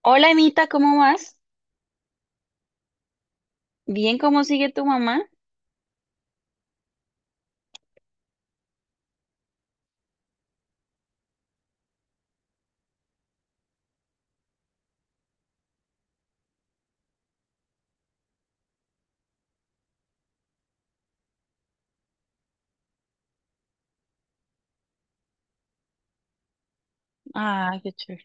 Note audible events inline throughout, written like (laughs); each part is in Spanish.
Hola, Anita, ¿cómo vas? Bien, ¿cómo sigue tu mamá? Ah, qué chévere.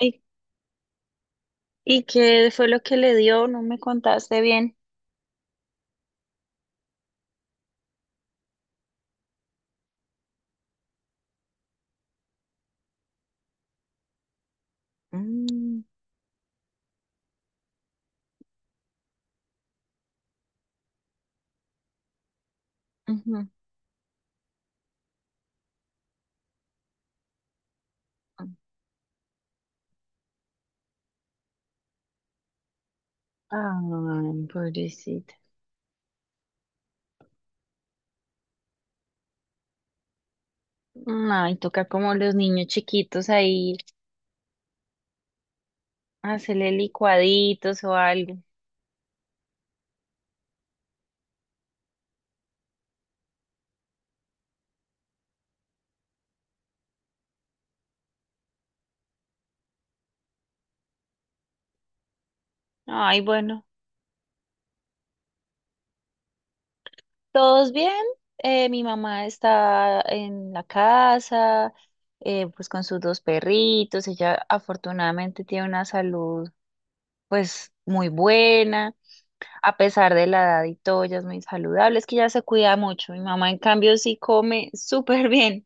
¿Y, y qué fue lo que le dio? No me contaste bien. Mm. Ujú. Ay, pobrecita. Ay, toca como los niños chiquitos ahí, hacerle licuaditos o algo. Ay, bueno, ¿todos bien? Mi mamá está en la casa, pues con sus dos perritos. Ella afortunadamente tiene una salud, pues, muy buena, a pesar de la edad y todo. Ella es muy saludable, es que ya se cuida mucho. Mi mamá, en cambio, sí come súper bien.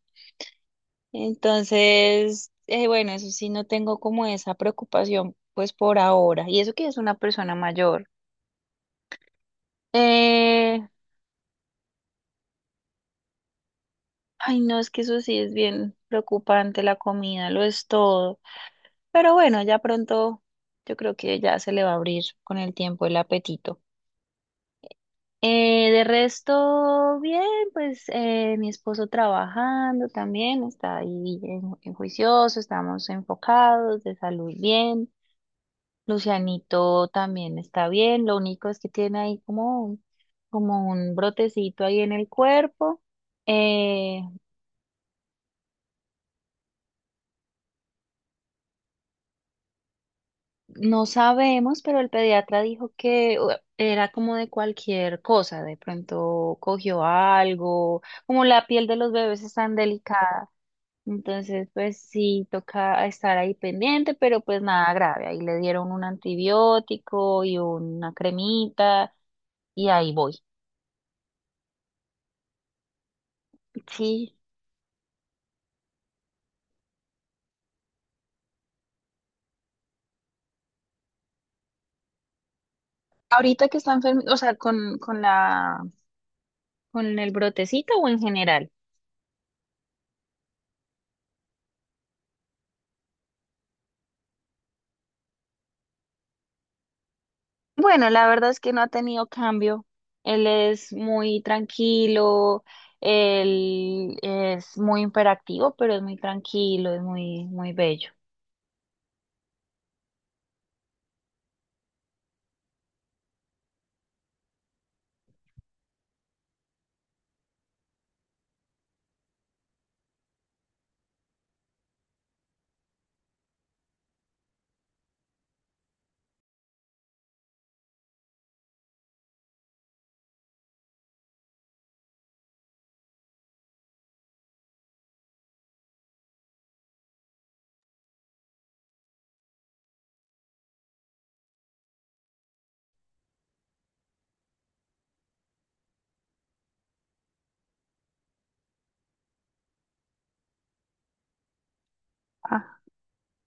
Entonces, bueno, eso sí, no tengo como esa preocupación, pues por ahora. Y eso que es una persona mayor. Eh, ay, no, es que eso sí es bien preocupante, la comida lo es todo. Pero bueno, ya pronto yo creo que ya se le va a abrir con el tiempo el apetito. De resto, bien, pues mi esposo trabajando también, está ahí en juicioso, estamos enfocados, de salud bien. Lucianito también está bien, lo único es que tiene ahí como un- como un brotecito ahí en el cuerpo. Eh, no sabemos, pero el pediatra dijo que u- era como de cualquier cosa, de pronto cogió algo, como la piel de los bebés es tan delicada. Entonces, pues sí, toca estar ahí pendiente, pero pues nada grave. Ahí le dieron un antibiótico y una cremita y ahí voy. Sí. Ahorita que está enfermo, o sea, con la, con el brotecito o en general. Bueno, la verdad es que no ha tenido cambio. Él es muy tranquilo, él es muy imperactivo, pero es muy tranquilo, es muy, muy bello.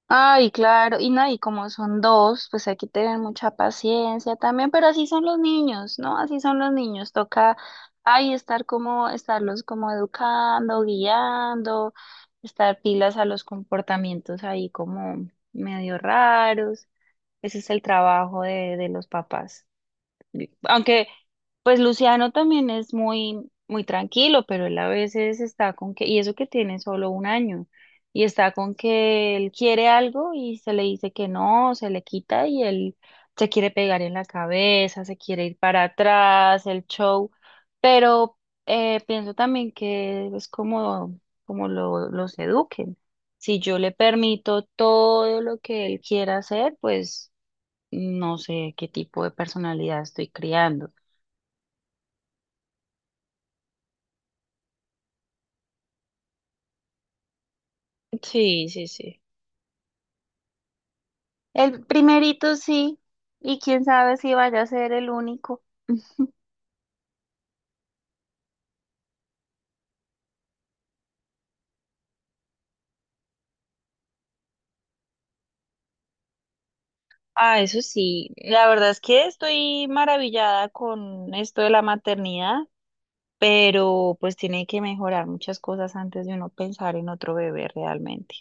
Ay, claro, y no, y como son dos, pues hay que tener mucha paciencia también, pero así son los niños, ¿no? Así son los niños, toca ahí estar como, estarlos como educando, guiando, estar pilas a los comportamientos ahí como medio raros. Ese es el trabajo de los papás. Aunque, pues Luciano también es muy, muy tranquilo, pero él a veces está con que, y eso que tiene solo un año, y está con que él quiere algo y se le dice que no, se le quita y él se quiere pegar en la cabeza, se quiere ir para atrás, el show, pero pienso también que es como, como lo, los eduquen. Si yo le permito todo lo que él quiera hacer, pues no sé qué tipo de personalidad estoy criando. Sí, sí, sí. El primerito sí, y quién sabe si vaya a ser el único. Ah, eso sí. La verdad es que estoy maravillada con esto de la maternidad, pero pues tiene que mejorar muchas cosas antes de uno pensar en otro bebé realmente.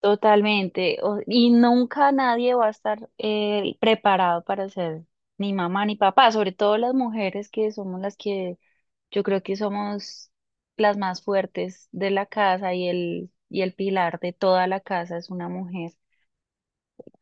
Totalmente. O- y nunca nadie va a estar preparado para ser ni mamá ni papá, sobre todo las mujeres, que somos las que yo creo que somos las más fuertes de la casa, y el pilar de toda la casa es una mujer.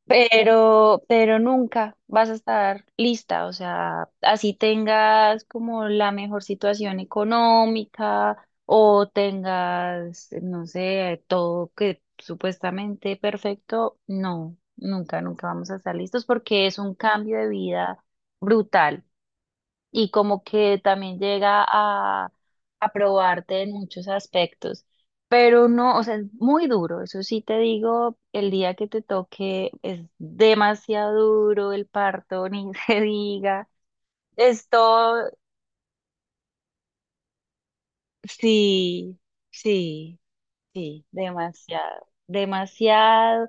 Pero nunca vas a estar lista, o sea, así tengas como la mejor situación económica o tengas, no sé, todo que supuestamente perfecto. No, nunca, nunca vamos a estar listos porque es un cambio de vida brutal y como que también llega a probarte en muchos aspectos. Pero no, o sea, es muy duro, eso sí te digo, el día que te toque es demasiado duro, el parto ni (laughs) se diga. Es todo, sí, sí, sí, demasiado, demasiado.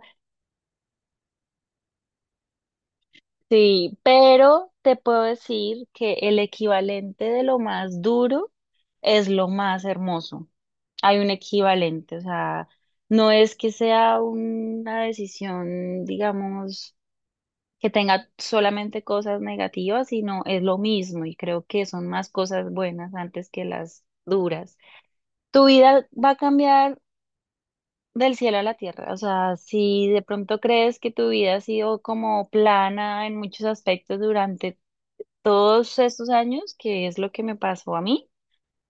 Sí, pero te puedo decir que el equivalente de lo más duro es lo más hermoso. Hay un equivalente, o sea, no es que sea una decisión, digamos, que tenga solamente cosas negativas, sino es lo mismo, y creo que son más cosas buenas antes que las duras. Tu vida va a cambiar del cielo a la tierra, o sea, si de pronto crees que tu vida ha sido como plana en muchos aspectos durante todos estos años, que es lo que me pasó a mí,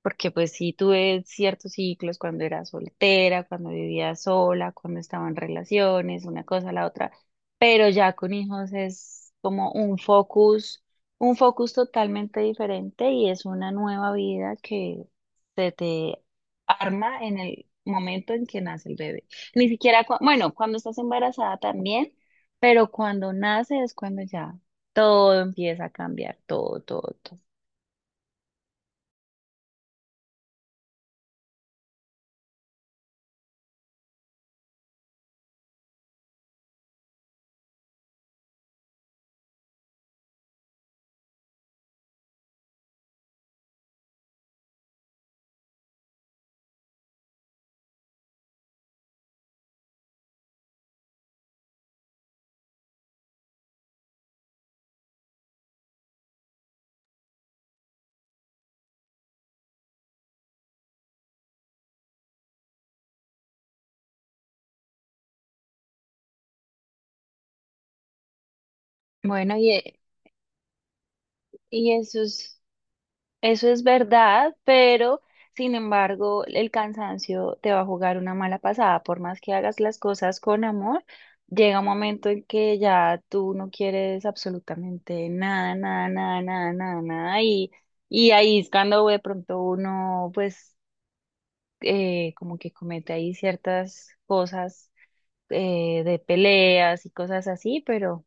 porque pues sí tuve ciertos ciclos cuando era soltera, cuando vivía sola, cuando estaba en relaciones, una cosa, la otra, pero ya con hijos es como un focus totalmente diferente, y es una nueva vida que se te arma en el momento en que nace el bebé. Ni siquiera, cua- bueno, cuando estás embarazada también, pero cuando nace es cuando ya todo empieza a cambiar, todo, todo, todo. Bueno, e- y eso es... Eso es verdad, pero sin embargo, el cansancio te va a jugar una mala pasada. Por más que hagas las cosas con amor, llega un momento en que ya tú no quieres absolutamente nada, nada, nada, nada, nada, nada. Y ahí es cuando de pronto uno, pues, como que comete ahí ciertas cosas de peleas y cosas así, pero.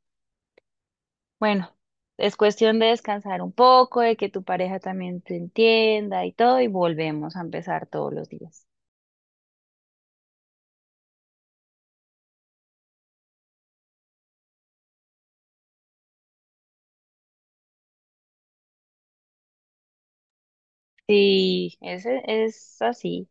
Bueno, es cuestión de descansar un poco, de que tu pareja también te entienda y todo, y volvemos a empezar todos los días. Sí, ese es así.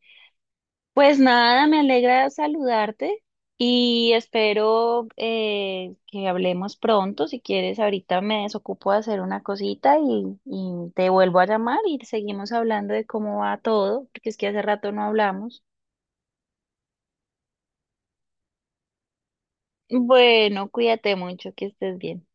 Pues nada, me alegra saludarte y espero que hablemos pronto. Si quieres, ahorita me desocupo de hacer una cosita y te vuelvo a llamar y seguimos hablando de cómo va todo, porque es que hace rato no hablamos. Bueno, cuídate mucho, que estés bien.